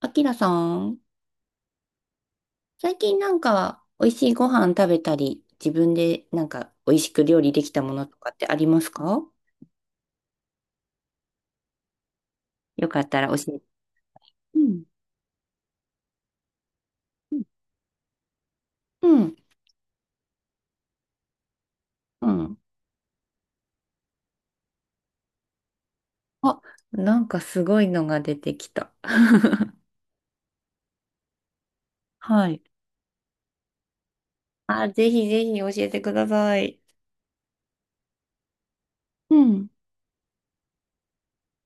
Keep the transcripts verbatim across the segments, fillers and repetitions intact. あきらさん、最近なんか美味しいご飯食べたり、自分でなんか美味しく料理できたものとかってありますか？よかったら教えて。うん。うん。うん。うん。あ、なんかすごいのが出てきた。はい。あ、ぜひぜひ教えてください。うん。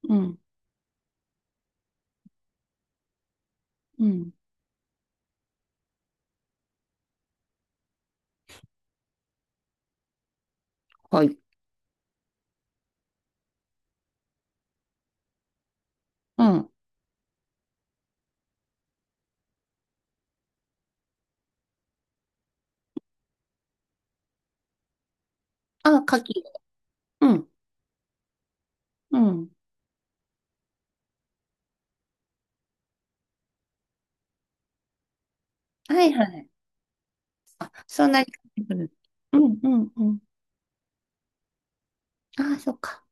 うん。うん。はい。うん。あ、牡蠣。うん。うん。はいはい。そんなにかけてくる。うんうんうん。ああ、そっか。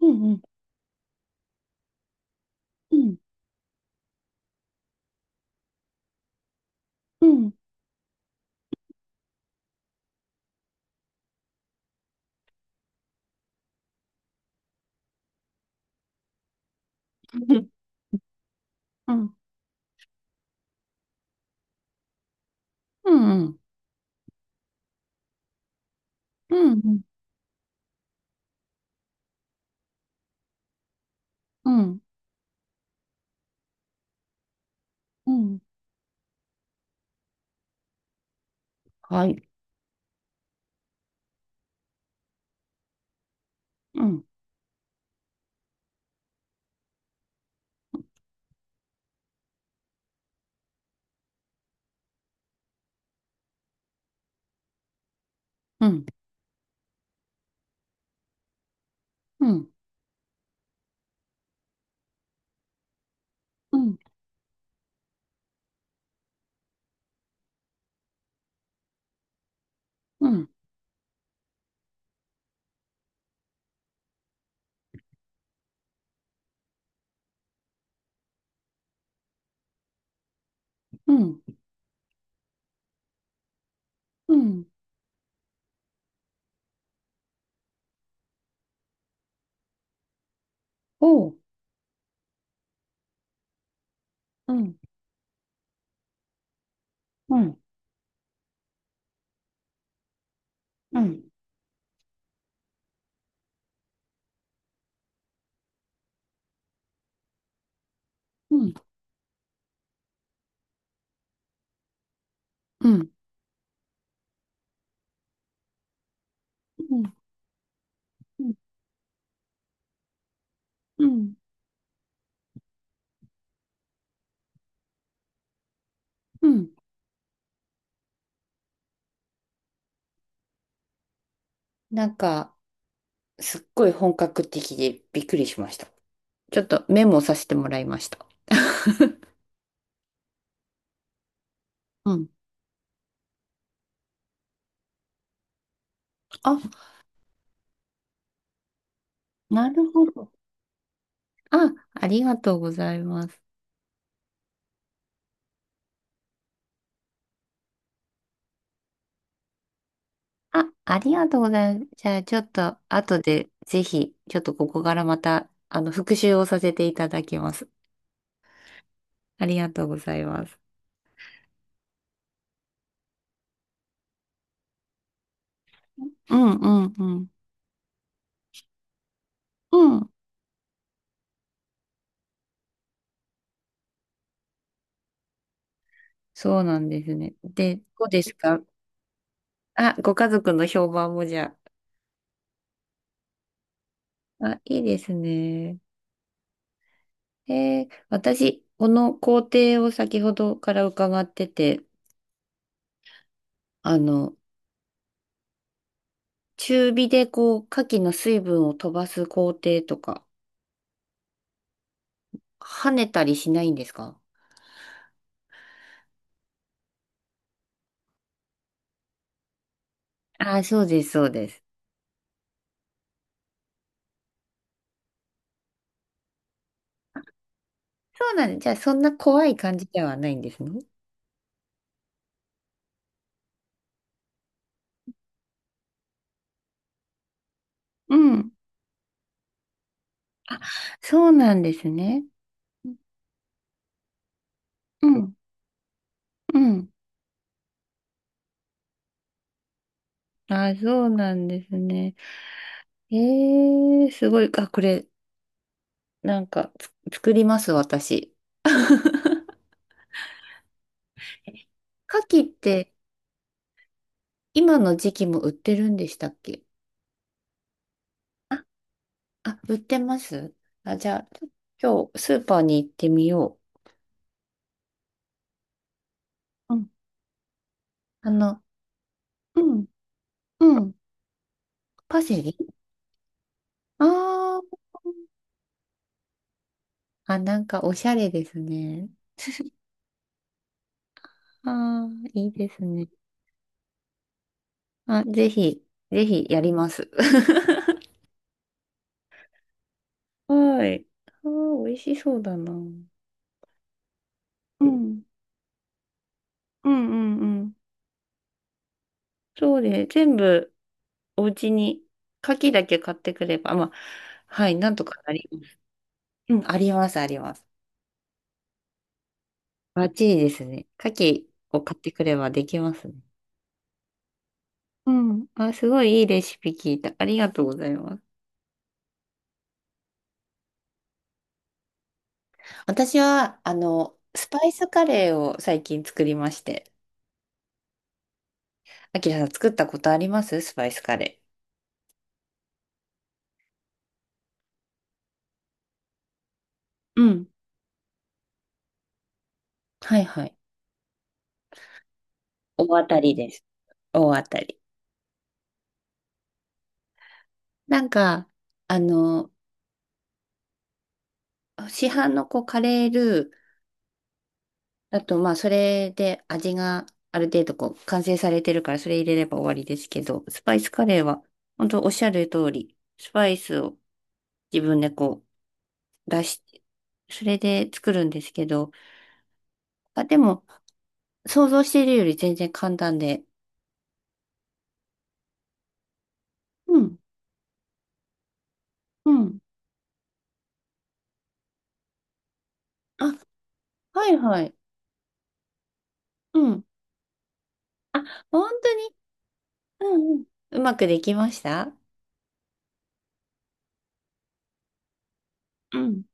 うんうんうんうん。うん。うんうん、うん、うん、うん、うん。はい、うん、うん、うん、うん、うん、うん、うん、おう、うん、うん、うん、うん、うん、うん、うん、うん。なんか、すっごい本格的でびっくりしました。ちょっとメモさせてもらいました。うん。あ、なるほど。あ、ありがとうございます。あ、ありがとうございます。じゃあ、ちょっと、後で、ぜひ、ちょっとここからまた、あの、復習をさせていただきます。ありがとうございます。うんうんうん。うん。そうなんですね。で、どうですか？あ、ご家族の評判もじゃあ。あ、いいですね。えー私、この工程を先ほどから伺ってて、あの、中火でこう、牡蠣の水分を飛ばす工程とか、跳ねたりしないんですか？あ、そうです、そうです。そうなんです。じゃあ、そんな怖い感じではないんですね。うん、あ、そうなんですね。うん、うん。あ、そうなんですね。えー、すごい。あ、これ、なんか、つ作ります、私。牡蠣って、今の時期も売ってるんでしたっけ？あ、あ、売ってます？あ、じゃあ、ちょ今日、スーパーに行ってみよう。うん、あの、うん、うん。パセリ。ああー。あ、なんか、おしゃれですね。ああ、いいですね。あ、ぜひ、ぜひやります。はい。あー、美味しそうだな。うん。うんうんうん。そうで、全部お家に、牡蠣だけ買ってくれば、まあ、はい、なんとかなり、うん、あります、あります。バッチリですね。牡蠣を買ってくればできますね。うん。あ、すごいいいレシピ聞いた。ありがとうございます。私は、あの、スパイスカレーを最近作りまして。あきらさん作ったことあります？スパイスカレ。うん。はいはい。ー。大当たりです。大当たり。なんか、あの、市販のこうカレールーだと、まあ、それで味がある程度こう完成されてるから、それ入れれば終わりですけど、スパイスカレーは、本当おっしゃる通り、スパイスを自分でこう出して、それで作るんですけど、あ、でも、想像しているより全然簡単で、うん。うん。あ、はいはい。うん。あ、本当に。うんうん。うまくできました？うん。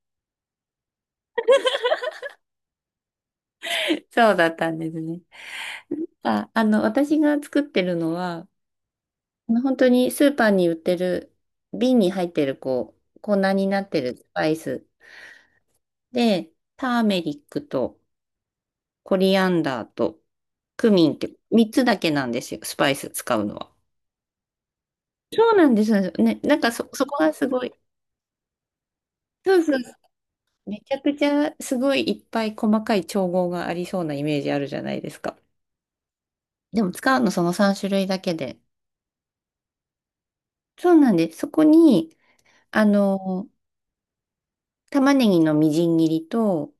そうだったんですね。あ、あの、私が作ってるのは、あの本当にスーパーに売ってる、瓶に入ってる、こう、粉になってるスパイスで、ターメリックとコリアンダーとクミンってみっつだけなんですよ、スパイス使うのは。そうなんですよね。なんかそ、そこがすごい。そうそう。めちゃくちゃすごいいっぱい細かい調合がありそうなイメージあるじゃないですか。でも使うのそのさんしゅるい種類だけで。そうなんです。そこに、あの、玉ねぎのみじん切りと、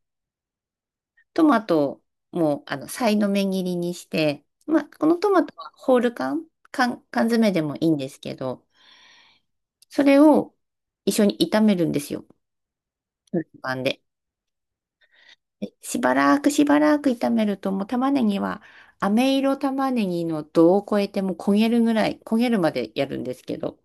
トマトも、あの、さいの目切りにして、まあ、このトマトはホール缶、缶、缶詰でもいいんですけど、それを一緒に炒めるんですよ。フライパンで。でしばらくしばらく炒めると、もう玉ねぎは、飴色玉ねぎの度を超えてもう焦げるぐらい、焦げるまでやるんですけど、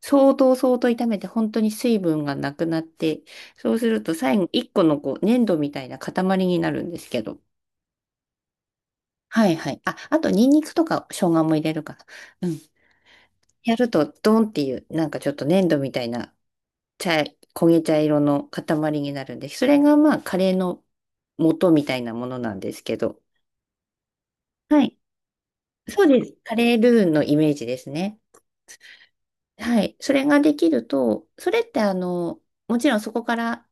相当相当炒めて本当に水分がなくなって、そうすると最後一個のこう粘土みたいな塊になるんですけど。はいはい。あ、あとニンニクとか生姜も入れるかな。うん。やるとドンっていうなんかちょっと粘土みたいな茶、焦げ茶色の塊になるんで、それがまあカレーの元みたいなものなんですけど。はい。そうです。カレールーのイメージですね。はい。それができると、それってあの、もちろんそこから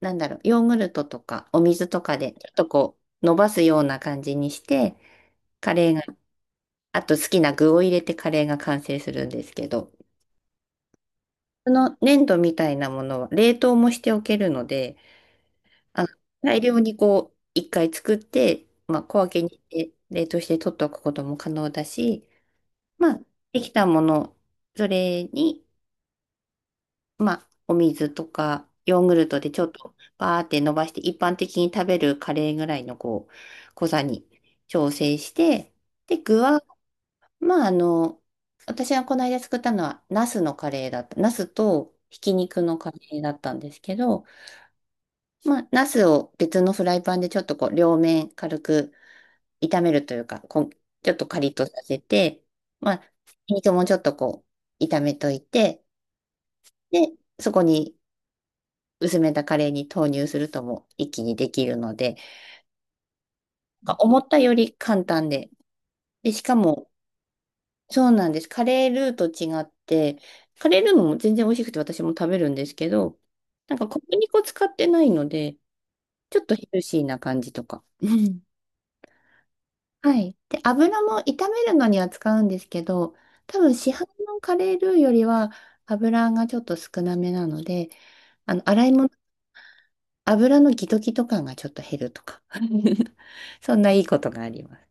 なんだろう、ヨーグルトとかお水とかで、ちょっとこう、伸ばすような感じにして、カレーが、あと好きな具を入れてカレーが完成するんですけど、その粘土みたいなものは冷凍もしておけるので、あの、大量にこう、一回作って、まあ、小分けにして冷凍して取っておくことも可能だし、まあ、できたもの、それにまあ、お水とか、ヨーグルトでちょっとバーって伸ばして、一般的に食べるカレーぐらいのこう、濃さに調整して、で、具は、まあ、あの、私がこの間作ったのは、ナスのカレーだった。ナスとひき肉のカレーだったんですけど、まあ、ナスを別のフライパンでちょっとこう、両面軽く炒めるというか、こんちょっとカリッとさせて、まあ、ひき肉もちょっとこう、炒めといて、で、そこに薄めたカレーに投入するとも一気にできるので、なんか思ったより簡単で。で、しかも、そうなんです。カレールーと違って、カレールーも全然美味しくて私も食べるんですけど、なんか小麦粉使ってないので、ちょっとヘルシーな感じとか。うん。はい。で、油も炒めるのには使うんですけど、多分市販のカレールーよりは油がちょっと少なめなので、あの、洗い物油のギトギト感がちょっと減るとか。そんないいことがあります。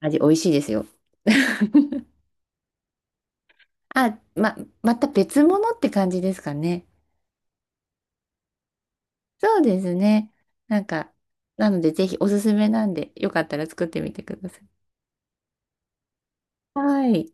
味美味しいですよ。あ、ま、また別物って感じですかね。そうですね。なんか、なのでぜひおすすめなんで、よかったら作ってみてください。はい。